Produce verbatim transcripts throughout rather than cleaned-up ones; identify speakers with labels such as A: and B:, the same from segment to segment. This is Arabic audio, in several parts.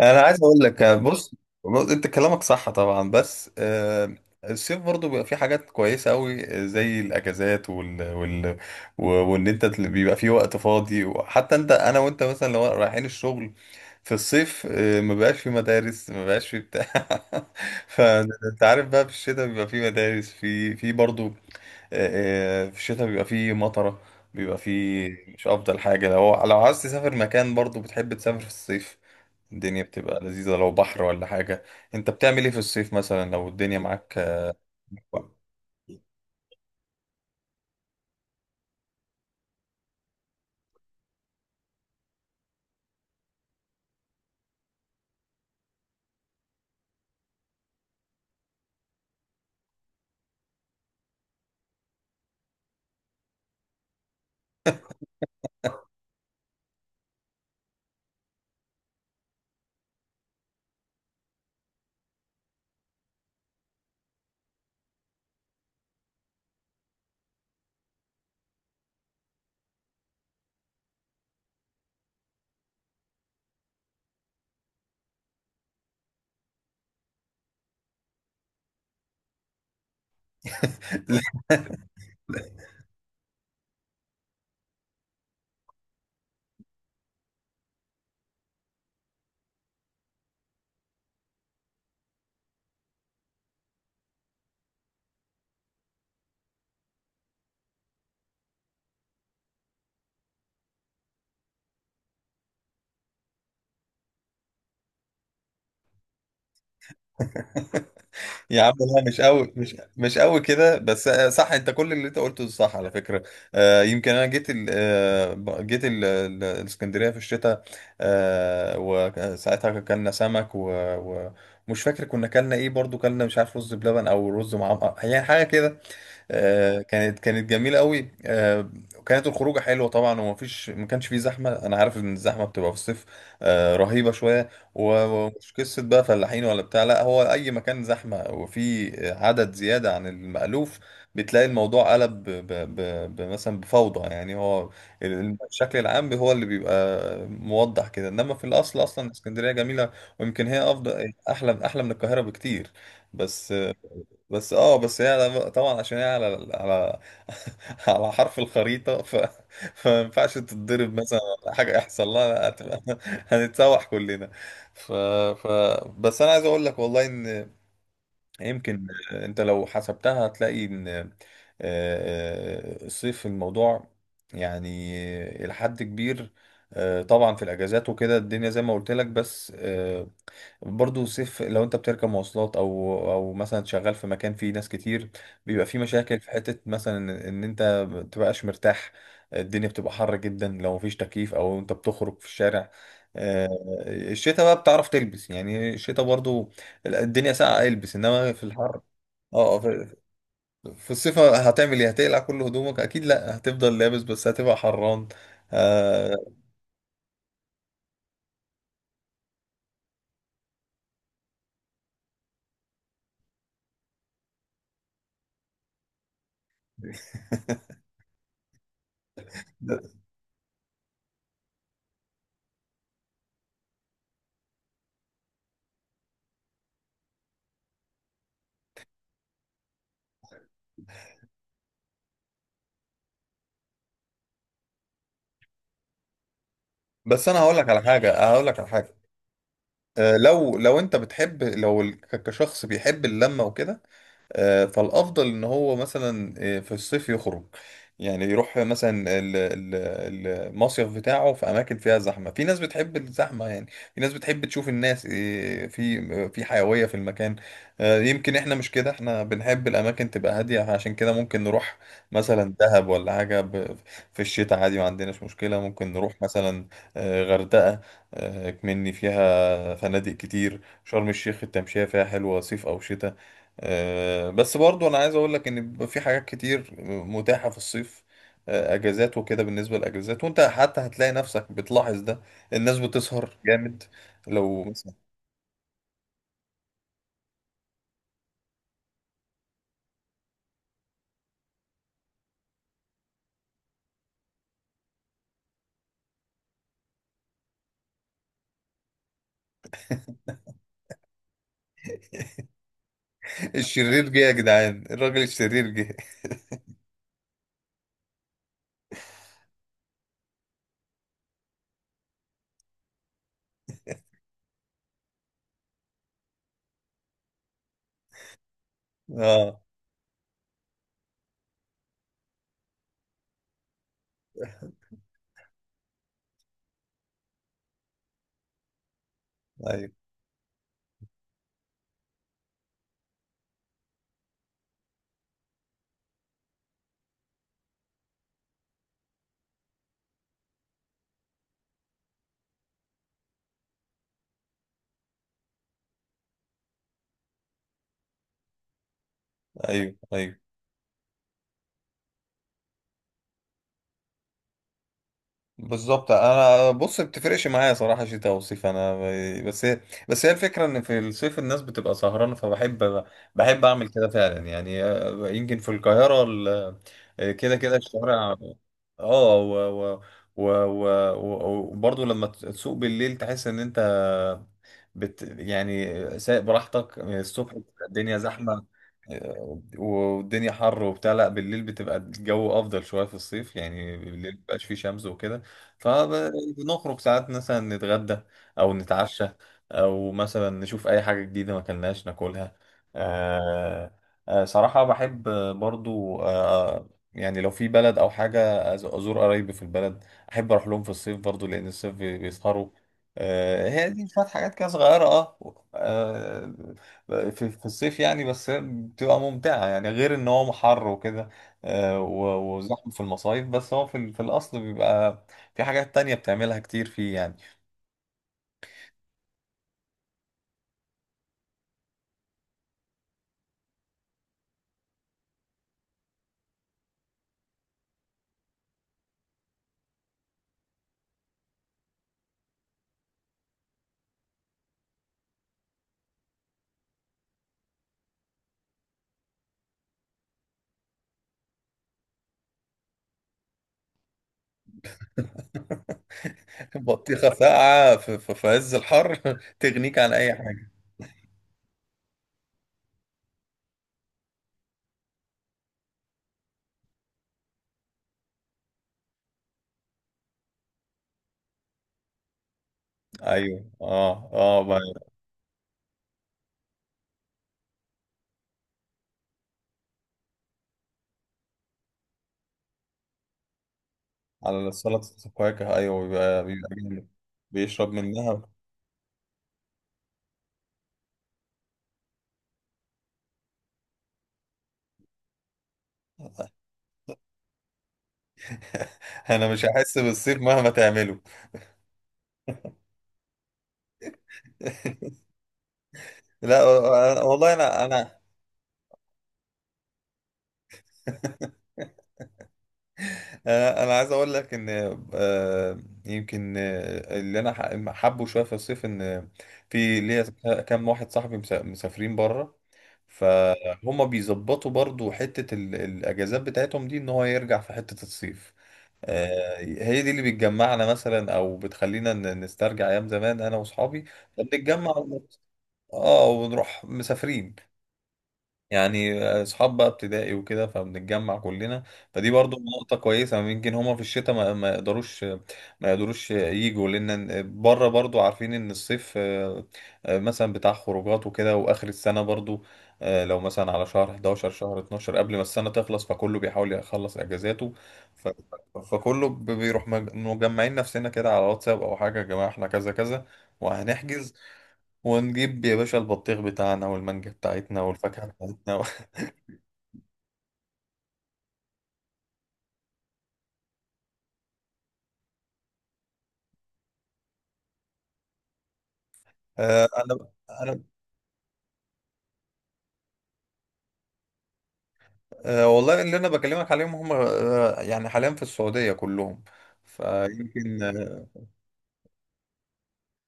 A: انا عايز اقول لك بص بص، انت كلامك صح طبعا بس آه، الصيف برضو بيبقى فيه حاجات كويسه قوي زي الاجازات وال وال و- وان انت تل- بيبقى فيه وقت فاضي وحتى انت انا وانت مثلا لو رايحين الشغل في الصيف، آه، ما بقاش في مدارس، ما بقاش في بتاع. فانت عارف بقى، في الشتاء بيبقى فيه مدارس، في في برضو. آه، آه، في الشتاء بيبقى فيه مطره، بيبقى فيه مش افضل حاجه. لو لو عايز تسافر مكان، برضو بتحب تسافر في الصيف. الدنيا بتبقى لذيذة لو بحر ولا حاجة. انت بتعمل ايه في الصيف مثلا لو الدنيا معاك؟ يا عم لا، مش قوي، مش مش قوي كده، بس آه، صح، انت كل اللي انت قلته صح على فكره. آه، يمكن انا جيت ال آه ب- جيت ال ال- الاسكندريه في الشتاء، آه، وساعتها كلنا سمك و- و- ومش فاكر كنا كلنا ايه، برضو كلنا مش عارف، رز بلبن او رز معمر يعني حاجه كده. آه، كانت كانت جميله قوي، آه، وكانت الخروجه حلوه طبعا، ومفيش، ما كانش فيه زحمه. انا عارف ان الزحمه بتبقى في الصيف، آه، رهيبه شويه. و- ومش قصة بقى فلاحين ولا بتاع، لا، هو أي مكان زحمة وفي عدد زيادة عن المألوف بتلاقي الموضوع قلب ب ب ب مثلا بفوضى. يعني هو ال- الشكل العام هو اللي بيبقى موضح كده، إنما في الأصل أصلا اسكندرية جميلة، ويمكن هي أفضل، أحلى أحلى من القاهرة بكتير. بس، بس اه، بس هي على- طبعا عشان هي على على على حرف الخريطة. ف... فما ينفعش تتضرب مثلا ولا حاجة يحصل لها، هتبقى هنتسوح كلنا. ف... ف... بس انا عايز اقول لك والله ان، يمكن انت لو حسبتها هتلاقي ان آه، آه، الصيف الموضوع يعني إلى حد كبير، آه، طبعا في الاجازات وكده، الدنيا زي ما قلت لك، بس آه، برضه سيف. لو انت بتركب مواصلات او او مثلا شغال في مكان فيه ناس كتير، بيبقى فيه مشاكل في حتة مثلا ان ان انت ما بتبقاش مرتاح. الدنيا بتبقى حر جدا لو مفيش تكييف او انت بتخرج في الشارع. آه، الشتاء بقى بتعرف تلبس، يعني الشتاء برضو الدنيا ساقعة، البس. انما في الحر، اه، في، في الصيف هتعمل ايه؟ هتقلع كل هدومك؟ اكيد لا، هتفضل لابس بس هتبقى حران. آه، بس انا هقول لك على حاجة، هقول لك على حاجة، آه، لو لو انت بتحب، لو ال- ك- كشخص بيحب اللمه وكده، آه، فالافضل ان هو مثلا، آه، في الصيف يخرج، يعني يروح مثلا ال- ال- المصيف بتاعه في اماكن فيها زحمه، في ناس بتحب الزحمه يعني، في ناس بتحب تشوف الناس، آه، في آه، في حيويه في المكان. آه، يمكن احنا مش كده، احنا بنحب الاماكن تبقى هاديه، عشان كده ممكن نروح مثلا دهب ولا حاجه ب- في الشتاء عادي، ما عندناش مشكله. ممكن نروح مثلا آه، غردقه، آه، مني فيها فنادق كتير. شرم الشيخ التمشية فيها حلوة صيف أو شتاء. آه، بس برضو أنا عايز أقول لك إن بيبقى في حاجات كتير متاحة في الصيف، آه، أجازات وكده. بالنسبة للأجازات، وأنت حتى هتلاقي نفسك بتلاحظ ده، الناس بتسهر جامد. لو مثلا الشرير جه يا جدعان، الراجل الشرير جه. اه، ايوه ايوه ايوه. بالظبط. انا بص، بتفرقش معايا صراحه شتاء او صيف. انا ب- بس هي، بس هي الفكره ان في الصيف الناس بتبقى سهرانه، فبحب، بحب اعمل كده فعلا يعني. آه، يمكن في القاهره ال- آه، كده كده الشوارع، اه و و و و- و- وبرضه لما تسوق بالليل تحس ان انت بت يعني سايق براحتك. الصبح الدنيا زحمه والدنيا حر وبتاع، لا بالليل بتبقى الجو افضل شويه في الصيف، يعني بالليل مبقاش فيه شمس وكده، فبنخرج ساعات مثلا نتغدى او نتعشى، او مثلا نشوف اي حاجه جديده ما كلناش ناكلها. آه آه صراحه بحب. برضو آه آه، يعني لو في بلد او حاجه أز- ازور قرايبي في البلد، احب اروح لهم في الصيف برضو لان الصيف بي- بيسهروا. آه هي دي شويه حاجات كده صغيره، اه، في في الصيف يعني. بس هي بتبقى ممتعة يعني، غير ان هو حر وكده، آه، و- وزحمة في المصايف، بس هو في، ال- في الاصل بيبقى في حاجات تانية بتعملها كتير فيه يعني. بطيخة ساقعة في, في, في عز الحر تغنيك عن اي حاجة. ايوه، اه اه بقى. على سلطة الفواكه، ايوه، بيبقى بيبقى جامد. بيشرب منها. انا مش هحس بالصيف مهما تعمله. لا، أنا- والله انا انا آه، انا عايز اقول لك ان، آه، يمكن آه، اللي انا ح- حابه شويه في الصيف، ان في ليا كام واحد صاحبي مس- مسافرين بره، فهم بيظبطوا برضو حته ال- الاجازات بتاعتهم دي ان هو يرجع في حته الصيف. آه، هي دي اللي بتجمعنا مثلا او بتخلينا ن- نسترجع ايام زمان انا واصحابي، فبنتجمع ون- اه ونروح مسافرين، يعني اصحاب بقى ابتدائي وكده، فبنتجمع كلنا. فدي برضو نقطة كويسة، يمكن هما في الشتاء ما, ما يقدروش، ما يقدروش يجوا، لان بره برضو عارفين ان الصيف آه، آه، مثلا بتاع خروجات وكده، واخر السنة برضو، آه، لو مثلا على شهر إحدى عشر شهر اتناشر قبل ما السنة تخلص فكله بيحاول يخلص اجازاته. ف- فكله ب- بيروح، مج- مجمعين نفسنا كده على واتساب او حاجة، يا جماعة احنا كذا كذا، وهنحجز ونجيب يا باشا البطيخ بتاعنا والمانجا بتاعتنا والفاكهة بتاعتنا. آه، انا انا آه، والله اللي انا بكلمك عليهم هم، آه، يعني حاليا في السعوديه كلهم. فيمكن آه،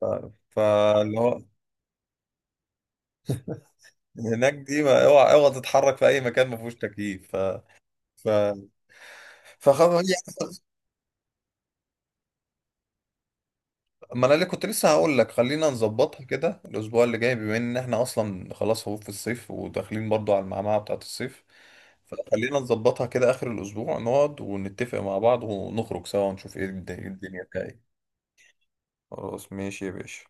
A: ف- فاللي هو هناك دي ما- اوعى اوعى تتحرك في اي مكان ما فيهوش تكييف. ف ف فخلاص يعني. ما انا اللي كنت لسه هقول لك خلينا نظبطها كده الاسبوع اللي جاي، بما ان احنا اصلا خلاص هو في الصيف وداخلين برضو على المعمعه بتاعت الصيف. فخلينا نظبطها كده اخر الاسبوع، نقعد ونتفق مع بعض ونخرج سوا، ونشوف ايه الد- إيه الدنيا بتاعي. خلاص ماشي يا باشا.